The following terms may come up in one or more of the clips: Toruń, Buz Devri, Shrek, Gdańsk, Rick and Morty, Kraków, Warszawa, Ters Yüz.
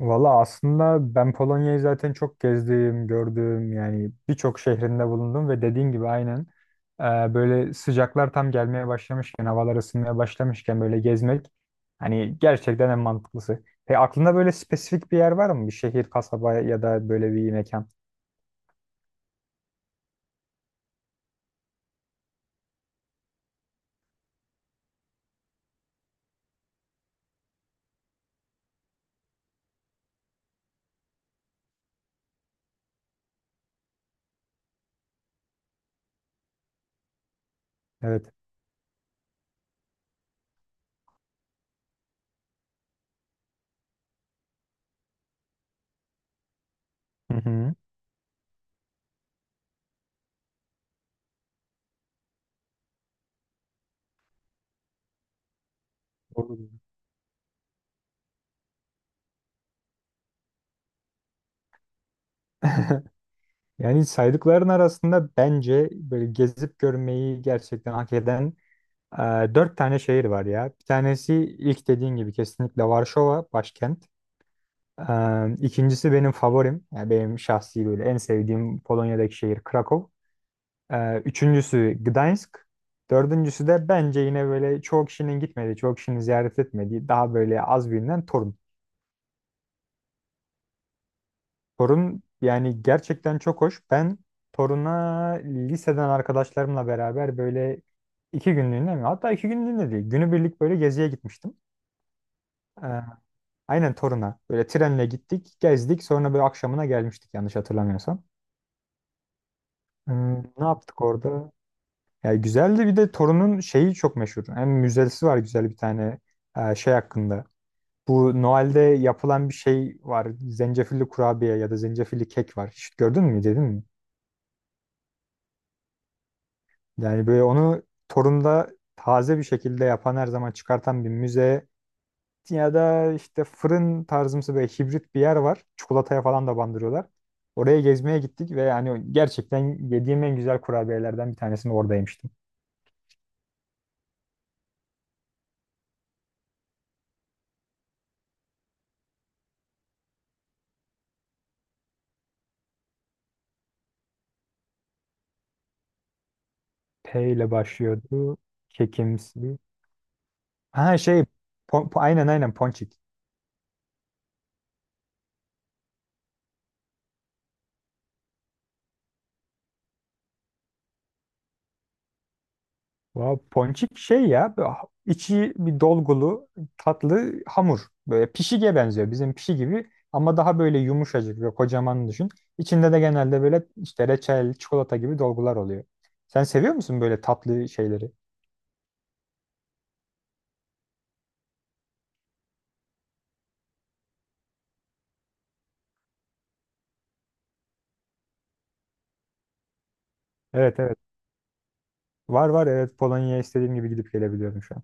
Valla aslında ben Polonya'yı zaten çok gezdim, gördüm yani birçok şehrinde bulundum ve dediğin gibi aynen böyle sıcaklar tam gelmeye başlamışken, havalar ısınmaya başlamışken böyle gezmek hani gerçekten en mantıklısı. Peki aklında böyle spesifik bir yer var mı? Bir şehir, kasaba ya da böyle bir mekan? Evet. Hı hı. Olur. Yani saydıkların arasında bence böyle gezip görmeyi gerçekten hak eden e, dört tane şehir var ya. Bir tanesi ilk dediğin gibi kesinlikle Varşova başkent. İkincisi benim favorim. Yani benim şahsi böyle en sevdiğim Polonya'daki şehir Krakow. Üçüncüsü Gdańsk. Dördüncüsü de bence yine böyle çoğu kişinin gitmediği, çoğu kişinin ziyaret etmediği daha böyle az bilinen Torun. Torun yani gerçekten çok hoş. Ben Torun'a liseden arkadaşlarımla beraber böyle iki günlüğüne mi? Hatta iki günlüğüne değil. Günübirlik böyle geziye gitmiştim. Ee, aynen Torun'a. Böyle trenle gittik, gezdik. Sonra böyle akşamına gelmiştik yanlış hatırlamıyorsam. Ne yaptık orada? Ya güzeldi bir de Torun'un şeyi çok meşhur. Hem müzesi var güzel bir tane şey hakkında. Bu Noel'de yapılan bir şey var. Zencefilli kurabiye ya da zencefilli kek var. Hiç gördün mü, dedin mi? Yani böyle onu Torun'da taze bir şekilde yapan her zaman çıkartan bir müze ya da işte fırın tarzımsı böyle hibrit bir yer var. Çikolataya falan da bandırıyorlar. Oraya gezmeye gittik ve yani gerçekten yediğim en güzel kurabiyelerden bir tanesini orada yemiştim. P ile başlıyordu. Kekimsi. Ha şey aynen aynen ponçik. Vav, ponçik şey ya böyle içi bir dolgulu tatlı hamur. Böyle pişiğe benziyor bizim pişi gibi ama daha böyle yumuşacık ve kocaman düşün. İçinde de genelde böyle işte reçel, çikolata gibi dolgular oluyor. Sen seviyor musun böyle tatlı şeyleri? Evet evet var var evet Polonya'ya istediğim gibi gidip gelebiliyorum şu an.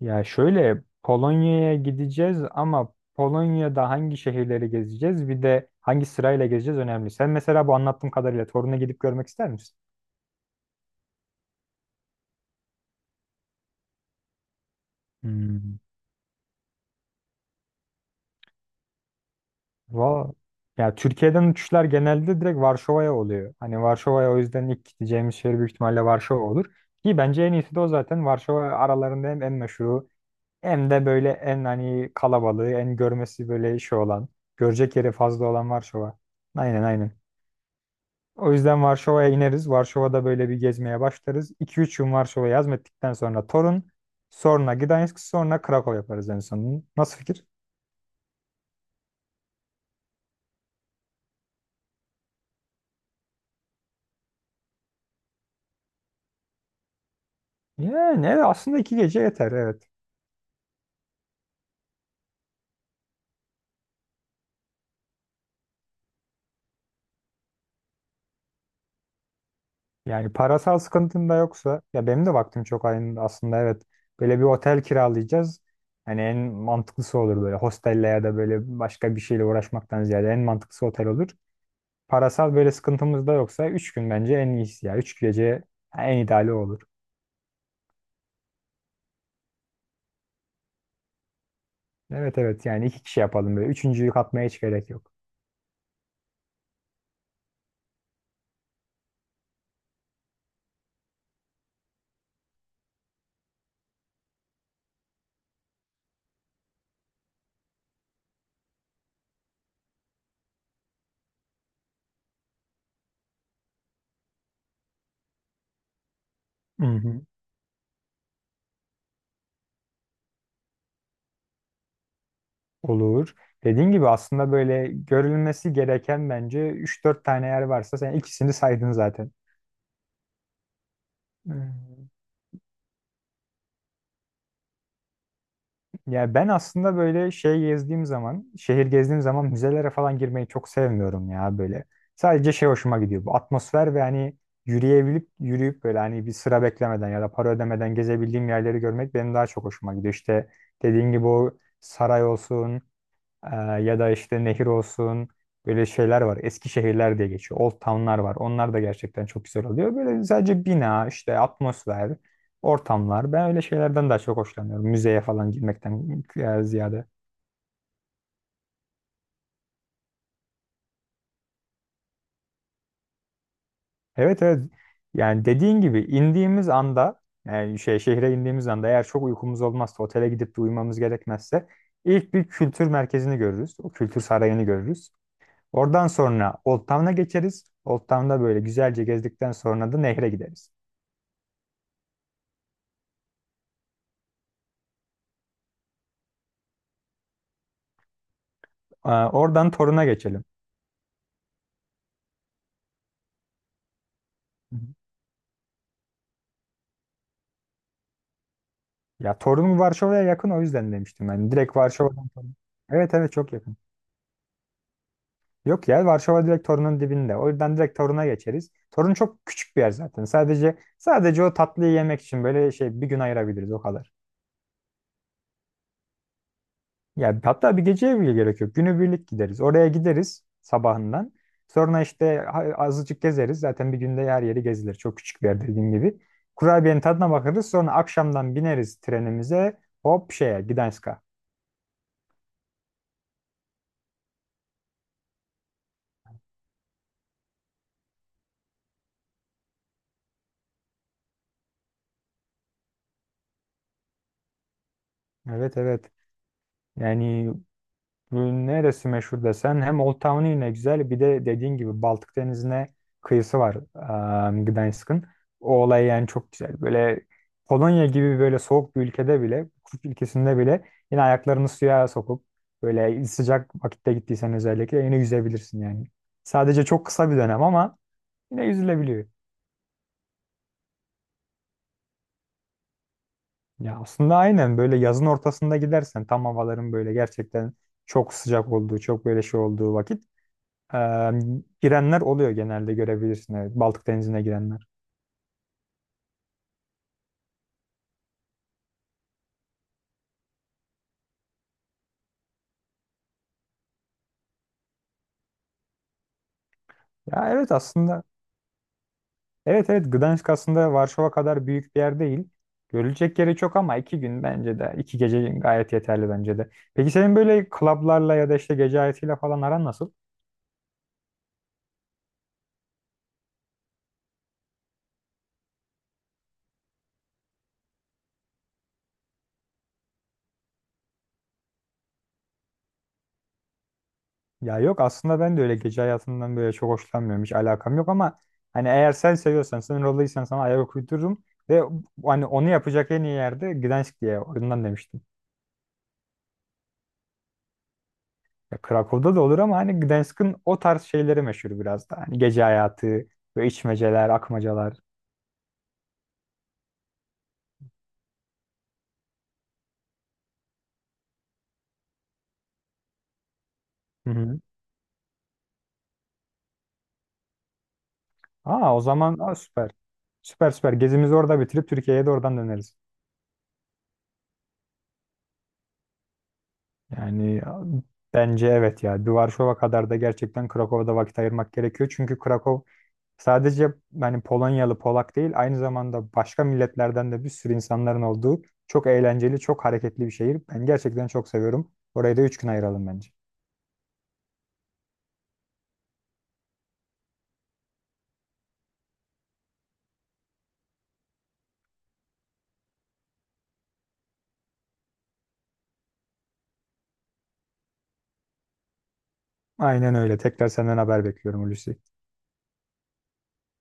Ya şöyle Polonya'ya gideceğiz ama Polonya'da hangi şehirleri gezeceğiz bir de hangi sırayla gezeceğiz önemli. Sen mesela bu anlattığım kadarıyla Torun'a gidip görmek ister misin? Hmm. Valla ya Türkiye'den uçuşlar genelde direkt Varşova'ya oluyor. Hani Varşova'ya o yüzden ilk gideceğimiz şehir büyük ihtimalle Varşova olur. Ki bence en iyisi de o zaten. Varşova aralarında hem en meşhuru hem de böyle en hani kalabalığı, en görmesi böyle şey olan, görecek yeri fazla olan Varşova. Aynen aynen. O yüzden Varşova'ya ineriz. Varşova'da böyle bir gezmeye başlarız. 2 üç gün Varşova'yı hazmettikten sonra Torun, sonra Gdańsk, sonra Krakow yaparız en son. Nasıl fikir? Yani evet, aslında iki gece yeter evet. Yani parasal sıkıntın da yoksa ya benim de vaktim çok aynı aslında evet. Böyle bir otel kiralayacağız. Hani en mantıklısı olur böyle hostelle ya da böyle başka bir şeyle uğraşmaktan ziyade en mantıklısı otel olur. Parasal böyle sıkıntımız da yoksa 3 gün bence en iyisi ya. Üç gece en ideali olur. Evet evet yani iki kişi yapalım böyle. Üçüncüyü katmaya hiç gerek yok. Hı hı. Olur. Dediğin gibi aslında böyle görülmesi gereken bence üç dört tane yer varsa sen ikisini saydın zaten. Hmm. Ya ben aslında böyle şey gezdiğim zaman, şehir gezdiğim zaman müzelere falan girmeyi çok sevmiyorum ya böyle. Sadece şey hoşuma gidiyor. Bu atmosfer ve hani yürüyebilip yürüyüp böyle hani bir sıra beklemeden ya da para ödemeden gezebildiğim yerleri görmek benim daha çok hoşuma gidiyor. İşte dediğin gibi o saray olsun, ee, ya da işte nehir olsun böyle şeyler var. Eski şehirler diye geçiyor. Old town'lar var. Onlar da gerçekten çok güzel oluyor. Böyle sadece bina, işte atmosfer, ortamlar. Ben öyle şeylerden daha çok hoşlanıyorum. Müzeye falan girmekten ziyade. Evet evet. Yani dediğin gibi indiğimiz anda yani şey şehre indiğimiz anda eğer çok uykumuz olmazsa otele gidip de uyumamız gerekmezse ilk bir kültür merkezini görürüz. O kültür sarayını görürüz. Oradan sonra Old Town'a geçeriz. Old Town'da böyle güzelce gezdikten sonra da nehre gideriz. Oradan Torun'a geçelim. Hı hı. Ya Torun Varşova'ya yakın o yüzden demiştim ben. Direkt Varşova'dan Torun. Evet evet çok yakın. Yok ya Varşova direkt Torun'un dibinde. O yüzden direkt Torun'a geçeriz. Torun çok küçük bir yer zaten. Sadece o tatlıyı yemek için böyle şey bir gün ayırabiliriz o kadar. Ya hatta bir geceye bile gerek yok. Günübirlik gideriz. Oraya gideriz sabahından. Sonra işte azıcık gezeriz. Zaten bir günde her yeri gezilir. Çok küçük bir yer dediğim gibi. Kurabiyenin tadına bakarız. Sonra akşamdan bineriz trenimize. Hop şeye Gdańsk'a. Evet evet. Yani bunun neresi meşhur desen hem Old Town yine güzel bir de dediğin gibi Baltık Denizi'ne kıyısı var Gdańsk'ın. O olay yani çok güzel. Böyle Polonya gibi böyle soğuk bir ülkede bile, kuzey ülkesinde bile yine ayaklarını suya sokup böyle sıcak vakitte gittiysen özellikle yine yüzebilirsin yani. Sadece çok kısa bir dönem ama yine yüzülebiliyor. Ya aslında aynen böyle yazın ortasında gidersen tam havaların böyle gerçekten çok sıcak olduğu, çok böyle şey olduğu vakit Ee, girenler oluyor genelde görebilirsin. Evet, Baltık Denizi'ne girenler. Ya evet aslında. Evet evet Gdansk aslında Varşova kadar büyük bir yer değil. Görülecek yeri çok ama iki gün bence de. İki gece gayet yeterli bence de. Peki senin böyle klablarla ya da işte gece hayatıyla falan aran nasıl? Ya yok aslında ben de öyle gece hayatından böyle çok hoşlanmıyorum. Hiç alakam yok ama hani eğer sen seviyorsan, sen rolluysan sana ayak uydururum. Ve hani onu yapacak en iyi yerde Gdansk diye oyundan demiştim. Ya Krakow'da da olur ama hani Gdansk'ın o tarz şeyleri meşhur biraz da. Hani gece hayatı ve içmeceler, akmacalar. Hı hı. Aa o zaman süper. Süper süper. Gezimizi orada bitirip Türkiye'ye de oradan döneriz. Yani ya, bence evet ya. Varşova kadar da gerçekten Krakow'da vakit ayırmak gerekiyor. Çünkü Krakow sadece hani Polonyalı Polak değil aynı zamanda başka milletlerden de bir sürü insanların olduğu çok eğlenceli, çok hareketli bir şehir. Ben gerçekten çok seviyorum. Orayı da 3 gün ayıralım bence. Aynen öyle. Tekrar senden haber bekliyorum Hulusi.